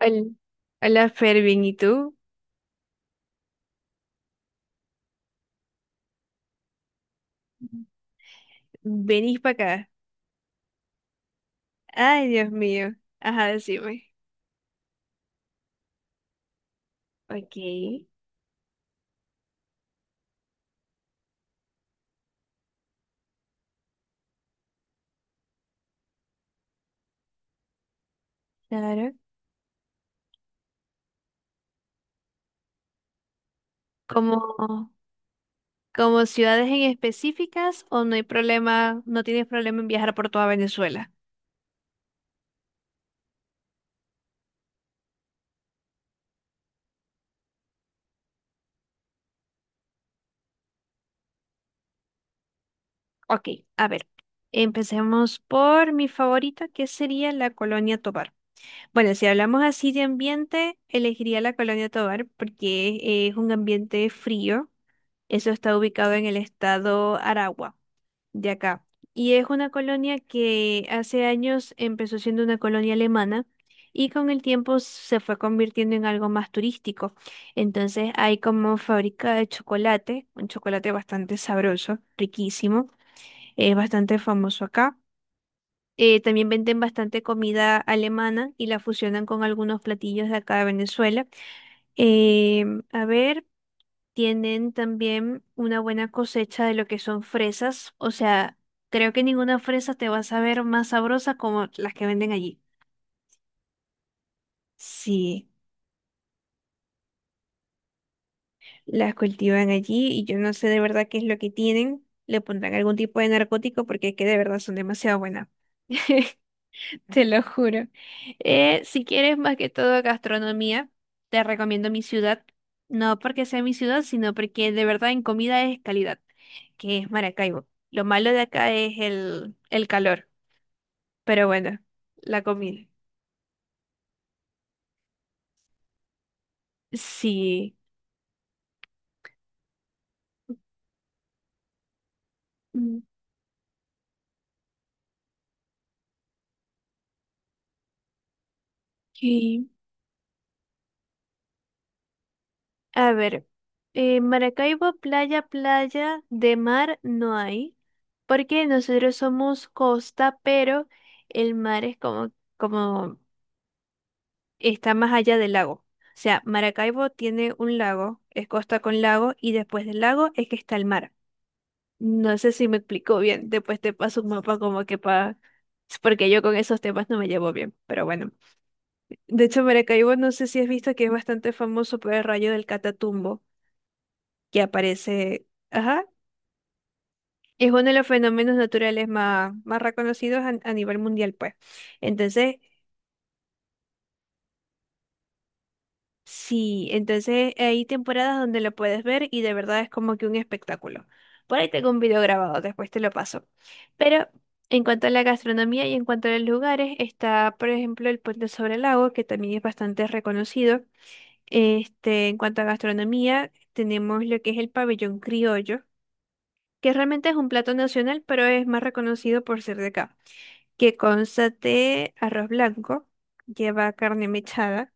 Hola, hola Fervin, ¿y tú? Venís para acá. Ay, Dios mío. Ajá, decime. Ok, claro. ¿Como, como ciudades en específicas o no hay problema, no tienes problema en viajar por toda Venezuela? Ok, a ver. Empecemos por mi favorita, que sería la Colonia Tovar. Bueno, si hablamos así de ambiente, elegiría la Colonia Tovar porque es un ambiente frío. Eso está ubicado en el estado Aragua de acá. Y es una colonia que hace años empezó siendo una colonia alemana y con el tiempo se fue convirtiendo en algo más turístico. Entonces hay como fábrica de chocolate, un chocolate bastante sabroso, riquísimo, es bastante famoso acá. También venden bastante comida alemana y la fusionan con algunos platillos de acá de Venezuela. A ver, tienen también una buena cosecha de lo que son fresas. O sea, creo que ninguna fresa te va a saber más sabrosa como las que venden allí. Sí, las cultivan allí y yo no sé de verdad qué es lo que tienen. Le pondrán algún tipo de narcótico porque es que de verdad son demasiado buenas. Te lo juro. Si quieres más que todo gastronomía, te recomiendo mi ciudad. No porque sea mi ciudad, sino porque de verdad en comida es calidad, que es Maracaibo. Lo malo de acá es el calor, pero bueno, la comida. Sí. Ok. A ver, Maracaibo, playa, playa, de mar no hay, porque nosotros somos costa, pero el mar es como, como está más allá del lago. O sea, Maracaibo tiene un lago, es costa con lago, y después del lago es que está el mar. No sé si me explico bien, después te paso un mapa como que para... Porque yo con esos temas no me llevo bien, pero bueno. De hecho, Maracaibo no sé si has visto que es bastante famoso por el rayo del Catatumbo, que aparece... Ajá. Es uno de los fenómenos naturales más reconocidos a nivel mundial, pues. Entonces, sí, entonces hay temporadas donde lo puedes ver y de verdad es como que un espectáculo. Por ahí tengo un video grabado, después te lo paso. Pero en cuanto a la gastronomía y en cuanto a los lugares, está, por ejemplo, el Puente sobre el Lago, que también es bastante reconocido. Este, en cuanto a gastronomía, tenemos lo que es el pabellón criollo, que realmente es un plato nacional, pero es más reconocido por ser de acá, que consta de arroz blanco, lleva carne mechada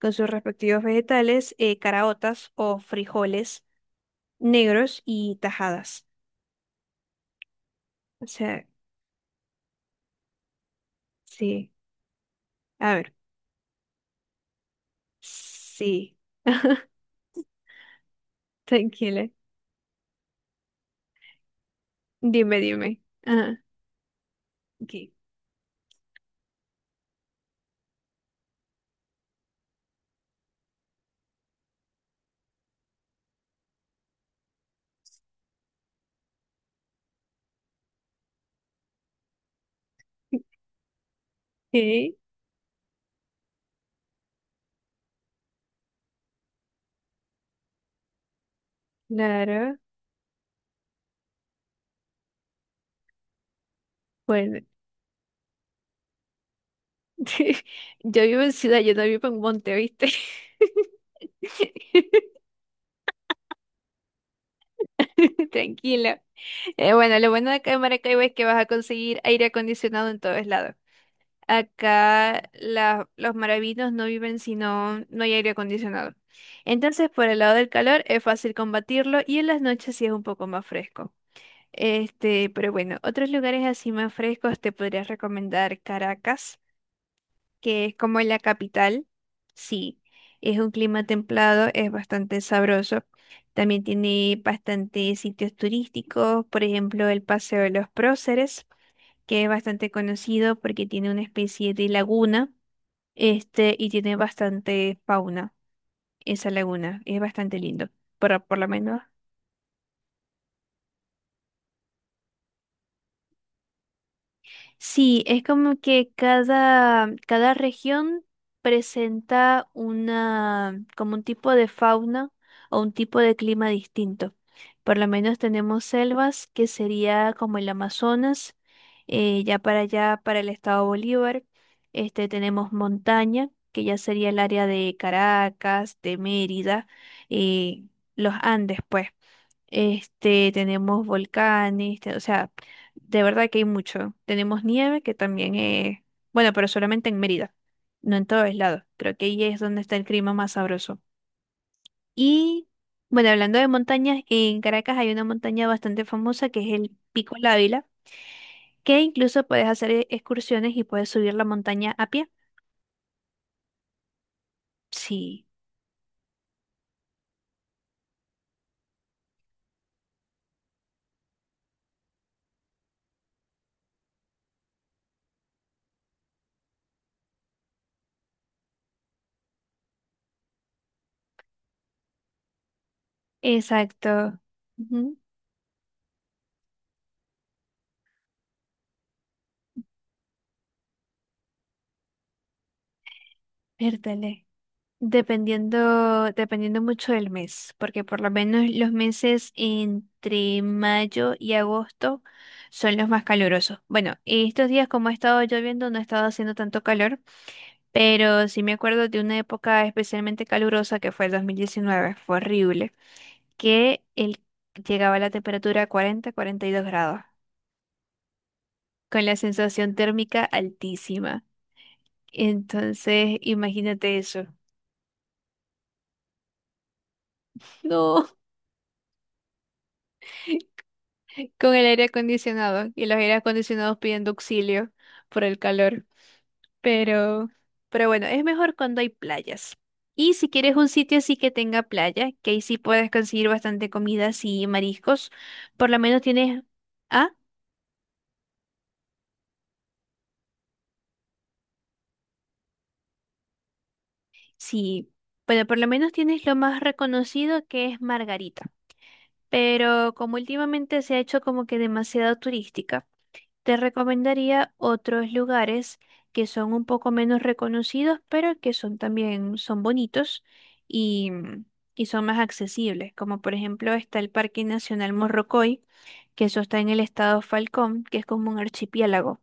con sus respectivos vegetales, caraotas o frijoles negros y tajadas. O sea, sí. A ver, sí. Tranquila. Dime, dime. Ajá. Ok. Sí, claro. Bueno, yo vivo en ciudad, yo no vivo en monte, ¿viste? Tranquilo. Bueno, lo bueno de acá en Maracaibo es que vas a conseguir aire acondicionado en todos lados. Acá los maravinos no viven si no, no hay aire acondicionado. Entonces, por el lado del calor es fácil combatirlo y en las noches sí es un poco más fresco. Este, pero bueno, otros lugares así más frescos te podría recomendar Caracas, que es como la capital. Sí, es un clima templado, es bastante sabroso. También tiene bastantes sitios turísticos, por ejemplo, el Paseo de los Próceres, que es bastante conocido porque tiene una especie de laguna este, y tiene bastante fauna esa laguna. Es bastante lindo. Por lo menos sí, es como que cada región presenta una, como un tipo de fauna o un tipo de clima distinto. Por lo menos tenemos selvas, que sería como el Amazonas, ya para allá, para el estado Bolívar. Este, tenemos montaña, que ya sería el área de Caracas, de Mérida, eh, los Andes, pues. Este, tenemos volcanes, o sea, de verdad que hay mucho. Tenemos nieve que también es, bueno, pero solamente en Mérida, no en todos lados. Creo que ahí es donde está el clima más sabroso. Y bueno, hablando de montañas, en Caracas hay una montaña bastante famosa que es el Pico Lávila, que incluso puedes hacer excursiones y puedes subir la montaña a pie. Sí, exacto. Ujú, vértale. Dependiendo, dependiendo mucho del mes, porque por lo menos los meses entre mayo y agosto son los más calurosos. Bueno, estos días como ha estado lloviendo no ha estado haciendo tanto calor, pero sí me acuerdo de una época especialmente calurosa que fue el 2019, fue horrible, que el, llegaba a la temperatura a 40, 42 grados, con la sensación térmica altísima. Entonces, imagínate eso. No, con el aire acondicionado y los aires acondicionados pidiendo auxilio por el calor. Pero, pero bueno, es mejor cuando hay playas. Y si quieres un sitio así que tenga playa, que ahí sí puedes conseguir bastante comidas y mariscos, por lo menos tienes, ah, sí, bueno, por lo menos tienes lo más reconocido que es Margarita. Pero como últimamente se ha hecho como que demasiado turística. Te recomendaría otros lugares que son un poco menos reconocidos, pero que son también son bonitos y, y son más accesibles, como por ejemplo está el Parque Nacional Morrocoy, que eso está en el estado Falcón, que es como un archipiélago.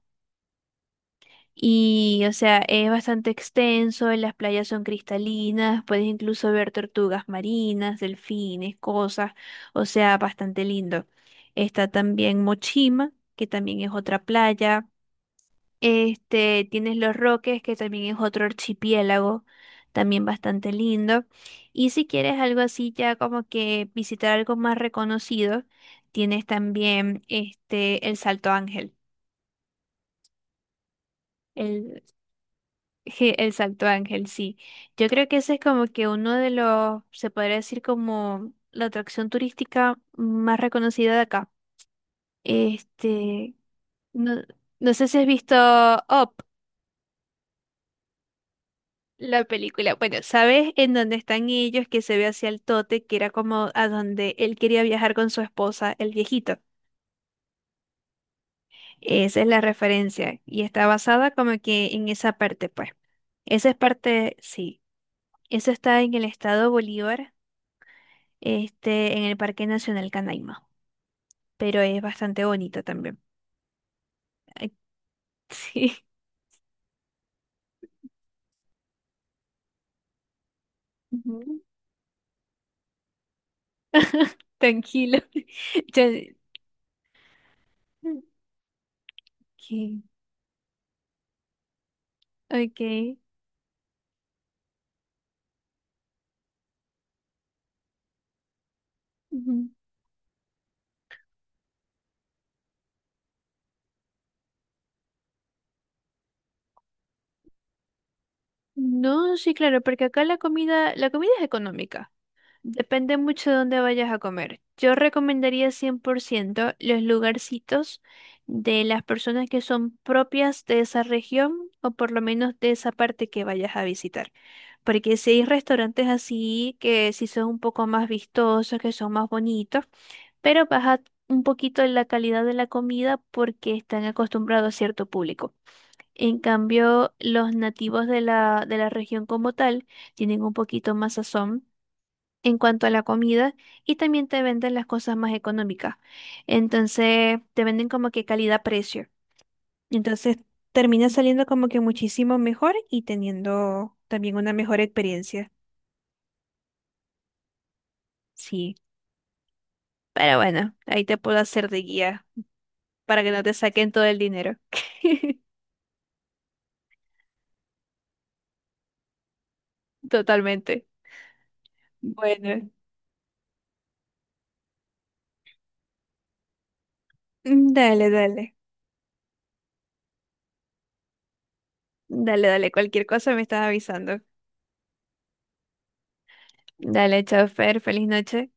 Y, o sea, es bastante extenso, las playas son cristalinas, puedes incluso ver tortugas marinas, delfines, cosas, o sea, bastante lindo. Está también Mochima, que también es otra playa. Este, tienes Los Roques, que también es otro archipiélago, también bastante lindo. Y si quieres algo así, ya como que visitar algo más reconocido, tienes también este, el Salto Ángel. El, el Salto Ángel, sí. Yo creo que ese es como que uno de los, se podría decir como la atracción turística más reconocida de acá. Este, no, no sé si has visto Up. La película, bueno, ¿sabes en dónde están ellos? Que se ve hacia el tote, que era como a donde él quería viajar con su esposa, el viejito. Esa es la referencia y está basada como que en esa parte, pues. Esa es parte, sí. Eso está en el estado Bolívar, este, en el Parque Nacional Canaima, pero es bastante bonito también. Ay, sí, ujú, tranquilo. Ya- mm, ok, ok. Ujú. No, sí, claro, porque acá la comida es económica. Depende mucho de dónde vayas a comer. Yo recomendaría 100% los lugarcitos de las personas que son propias de esa región o por lo menos de esa parte que vayas a visitar. Porque si hay restaurantes así que sí son un poco más vistosos, que son más bonitos, pero baja un poquito la calidad de la comida porque están acostumbrados a cierto público. En cambio, los nativos de la región como tal tienen un poquito más sazón en cuanto a la comida y también te venden las cosas más económicas. Entonces, te venden como que calidad-precio. Entonces, termina saliendo como que muchísimo mejor y teniendo también una mejor experiencia. Sí, pero bueno, ahí te puedo hacer de guía para que no te saquen todo el dinero. Totalmente. Bueno, dale, dale. Dale, dale, cualquier cosa me estás avisando. Dale, chofer, feliz noche.